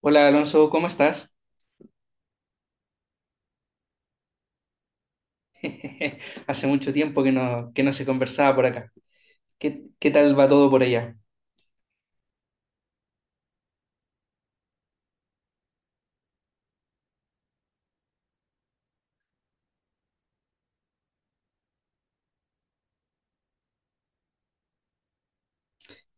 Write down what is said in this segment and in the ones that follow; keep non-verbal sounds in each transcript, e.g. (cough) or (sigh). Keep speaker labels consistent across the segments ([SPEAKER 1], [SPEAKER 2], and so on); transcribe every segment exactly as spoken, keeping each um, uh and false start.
[SPEAKER 1] Hola Alonso, ¿cómo estás? (laughs) Hace mucho tiempo que no, que no se conversaba por acá. ¿Qué, qué tal va todo por allá?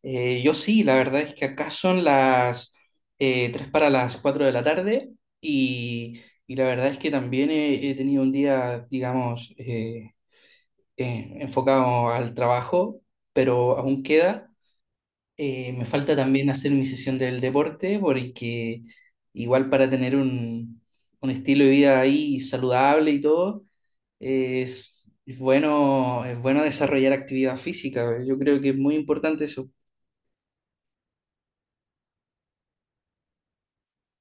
[SPEAKER 1] Eh, yo sí, la verdad es que acá son las eh, tres para las cuatro de la tarde, y, y la verdad es que también he, he tenido un día, digamos, eh, eh, enfocado al trabajo, pero aún queda. Eh, me falta también hacer mi sesión del deporte porque igual para tener un, un estilo de vida ahí saludable y todo. Es, es bueno, es bueno desarrollar actividad física. ¿Eh? Yo creo que es muy importante eso.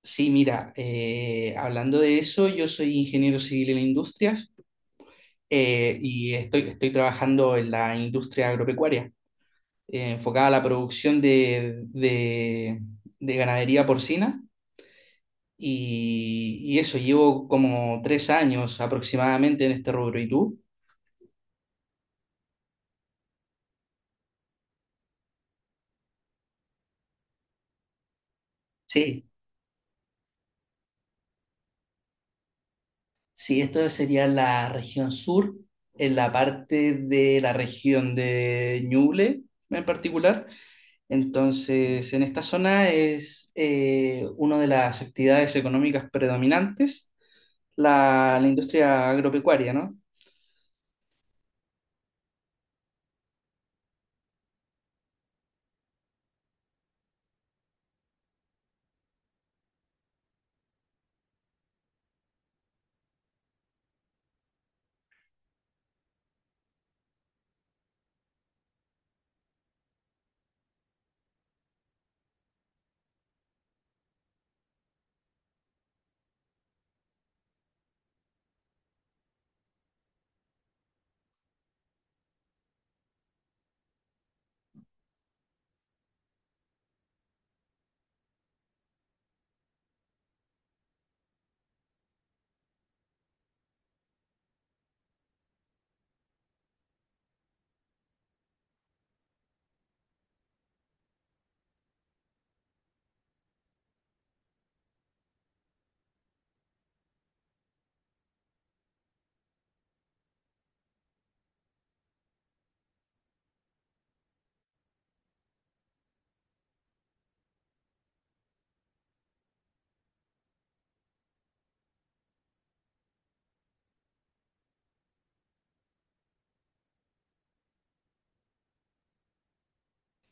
[SPEAKER 1] Sí, mira, eh, hablando de eso, yo soy ingeniero civil en industrias, eh, y estoy, estoy trabajando en la industria agropecuaria, eh, enfocada a la producción de, de- de ganadería porcina, y, y eso, llevo como tres años aproximadamente en este rubro. ¿Y tú? Sí. Sí, esto sería la región sur, en la parte de la región de Ñuble en particular. Entonces, en esta zona es eh, una de las actividades económicas predominantes la, la industria agropecuaria, ¿no?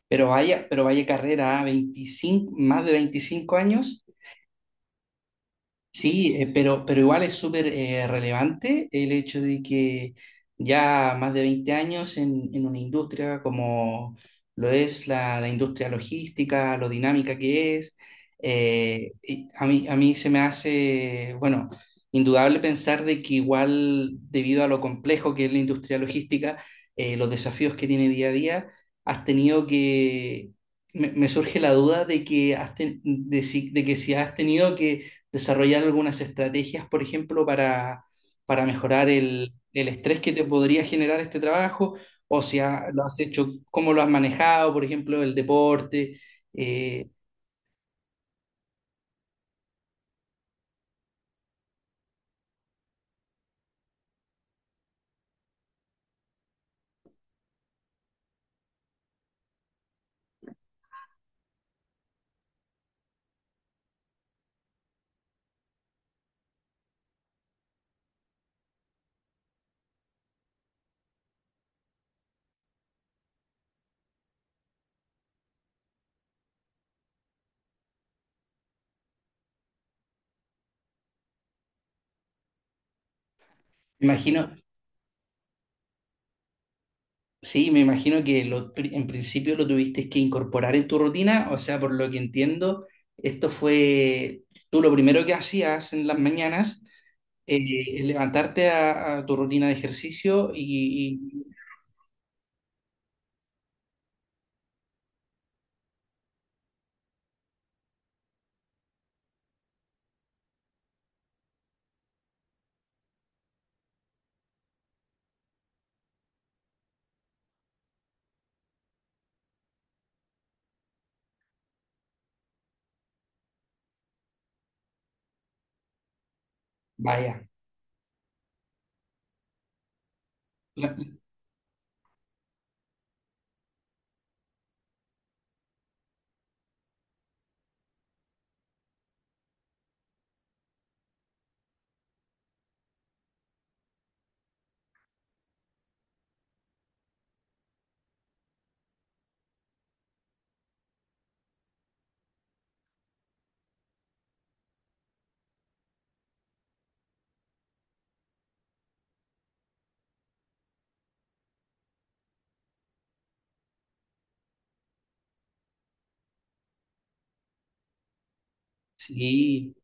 [SPEAKER 1] Pero vaya, pero vaya carrera, ¿ah? veinticinco, más de veinticinco años. Sí, eh, pero, pero igual es súper eh, relevante el hecho de que ya más de veinte años en, en una industria como lo es la, la industria logística, lo dinámica que es, eh, y a mí, a mí se me hace, bueno, indudable pensar de que igual debido a lo complejo que es la industria logística, eh, los desafíos que tiene día a día, has tenido que, me, me surge la duda de que, has ten- de si- de que si has tenido que desarrollar algunas estrategias, por ejemplo, para, para mejorar el, el estrés que te podría generar este trabajo, o si ha- lo has hecho, cómo lo has manejado, por ejemplo, el deporte. eh, imagino, sí, me imagino que lo pri- en principio lo tuviste que incorporar en tu rutina, o sea, por lo que entiendo, esto fue tú lo primero que hacías en las mañanas. eh, levantarte a, a tu rutina de ejercicio y, y- vaya, la- sí.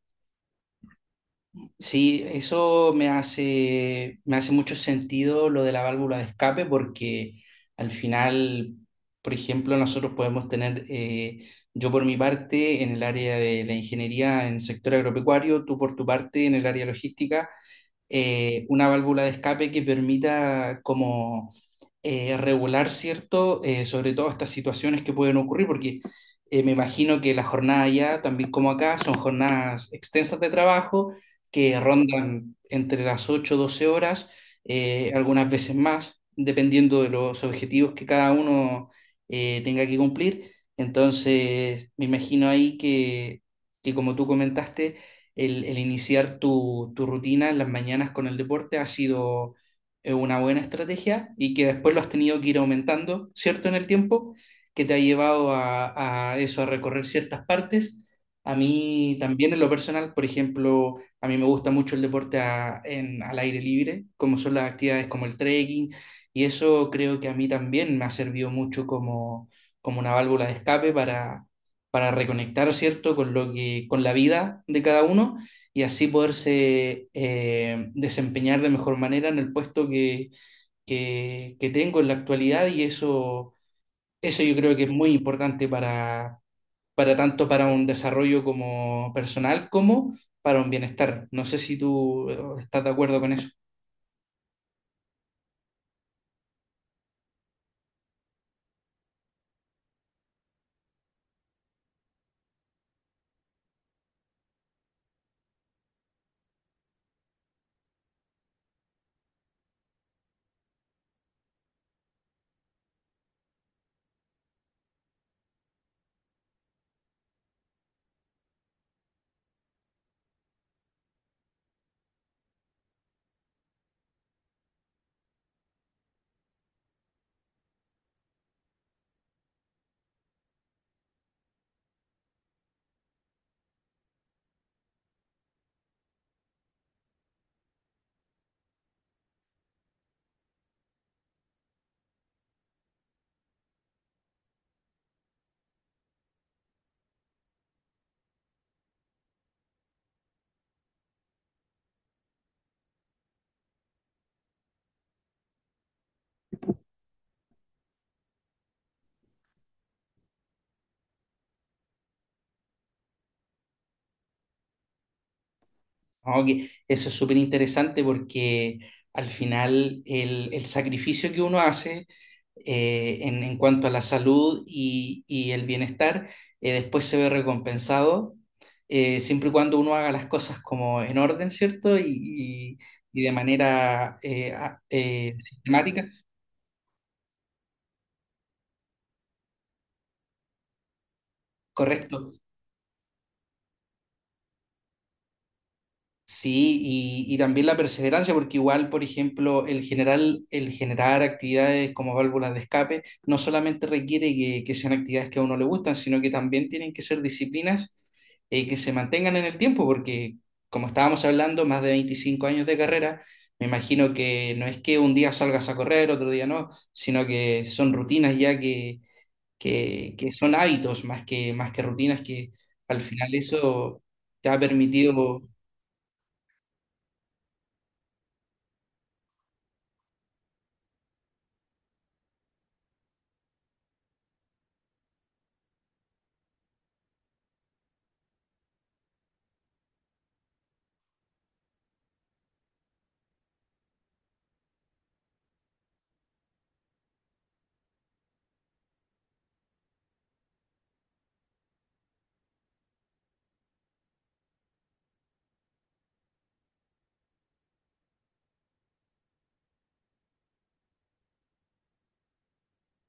[SPEAKER 1] Sí, eso me hace, me hace mucho sentido lo de la válvula de escape porque al final, por ejemplo, nosotros podemos tener, eh, yo por mi parte en el área de la ingeniería en el sector agropecuario, tú por tu parte en el área logística, eh, una válvula de escape que permita como eh, regular, ¿cierto? Eh, sobre todo estas situaciones que pueden ocurrir, porque eh, me imagino que la jornada allá, también como acá, son jornadas extensas de trabajo que rondan entre las ocho doce horas, eh, algunas veces más, dependiendo de los objetivos que cada uno eh, tenga que cumplir. Entonces, me imagino ahí que, que como tú comentaste, el, el iniciar tu, tu rutina en las mañanas con el deporte ha sido eh, una buena estrategia y que después lo has tenido que ir aumentando, ¿cierto? En el tiempo, que te ha llevado a, a eso, a recorrer ciertas partes. A mí también en lo personal, por ejemplo, a mí me gusta mucho el deporte a- en- al aire libre, como son las actividades como el trekking, y eso creo que a mí también me ha servido mucho como, como una válvula de escape para, para reconectar, ¿cierto?, con lo que, con la vida de cada uno y así poderse eh, desempeñar de mejor manera en el puesto que, que, que tengo en la actualidad y eso, eso, yo creo que es muy importante para, para tanto para un desarrollo como personal como para un bienestar. No sé si tú eh, estás de acuerdo con eso. No, que eso es súper interesante porque al final el, el sacrificio que uno hace eh, en, en cuanto a la salud y, y el bienestar, eh, después se ve recompensado eh, siempre y cuando uno haga las cosas como en orden, ¿cierto? Y, y- y de manera eh, a- eh, sistemática. Correcto. Sí, y, y también la perseverancia, porque igual, por ejemplo, el general, el generar actividades como válvulas de escape no solamente requiere que, que sean actividades que a uno le gustan, sino que también tienen que ser disciplinas eh, que se mantengan en el tiempo, porque como estábamos hablando, más de veinticinco años de carrera, me imagino que no es que un día salgas a correr, otro día no, sino que son rutinas ya que, que, que son hábitos más que, más que rutinas que al final eso te ha permitido.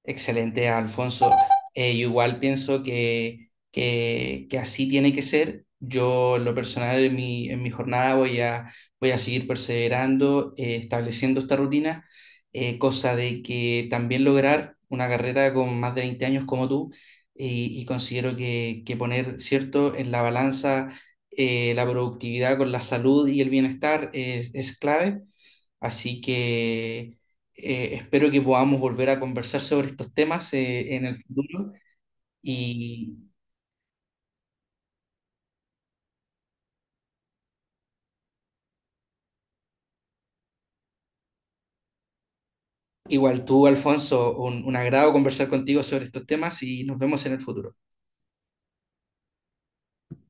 [SPEAKER 1] Excelente, Alfonso. Eh, yo igual pienso que, que, que así tiene que ser. Yo, en lo personal, en mi, en mi jornada voy a, voy a seguir perseverando, eh, estableciendo esta rutina, eh, cosa de que también lograr una carrera con más de veinte años como tú, y, y considero que, que poner, cierto, en la balanza eh, la productividad con la salud y el bienestar es, es clave. Así que eh, espero que podamos volver a conversar sobre estos temas eh, en el futuro. Y igual tú, Alfonso, un un agrado conversar contigo sobre estos temas y nos vemos en el futuro.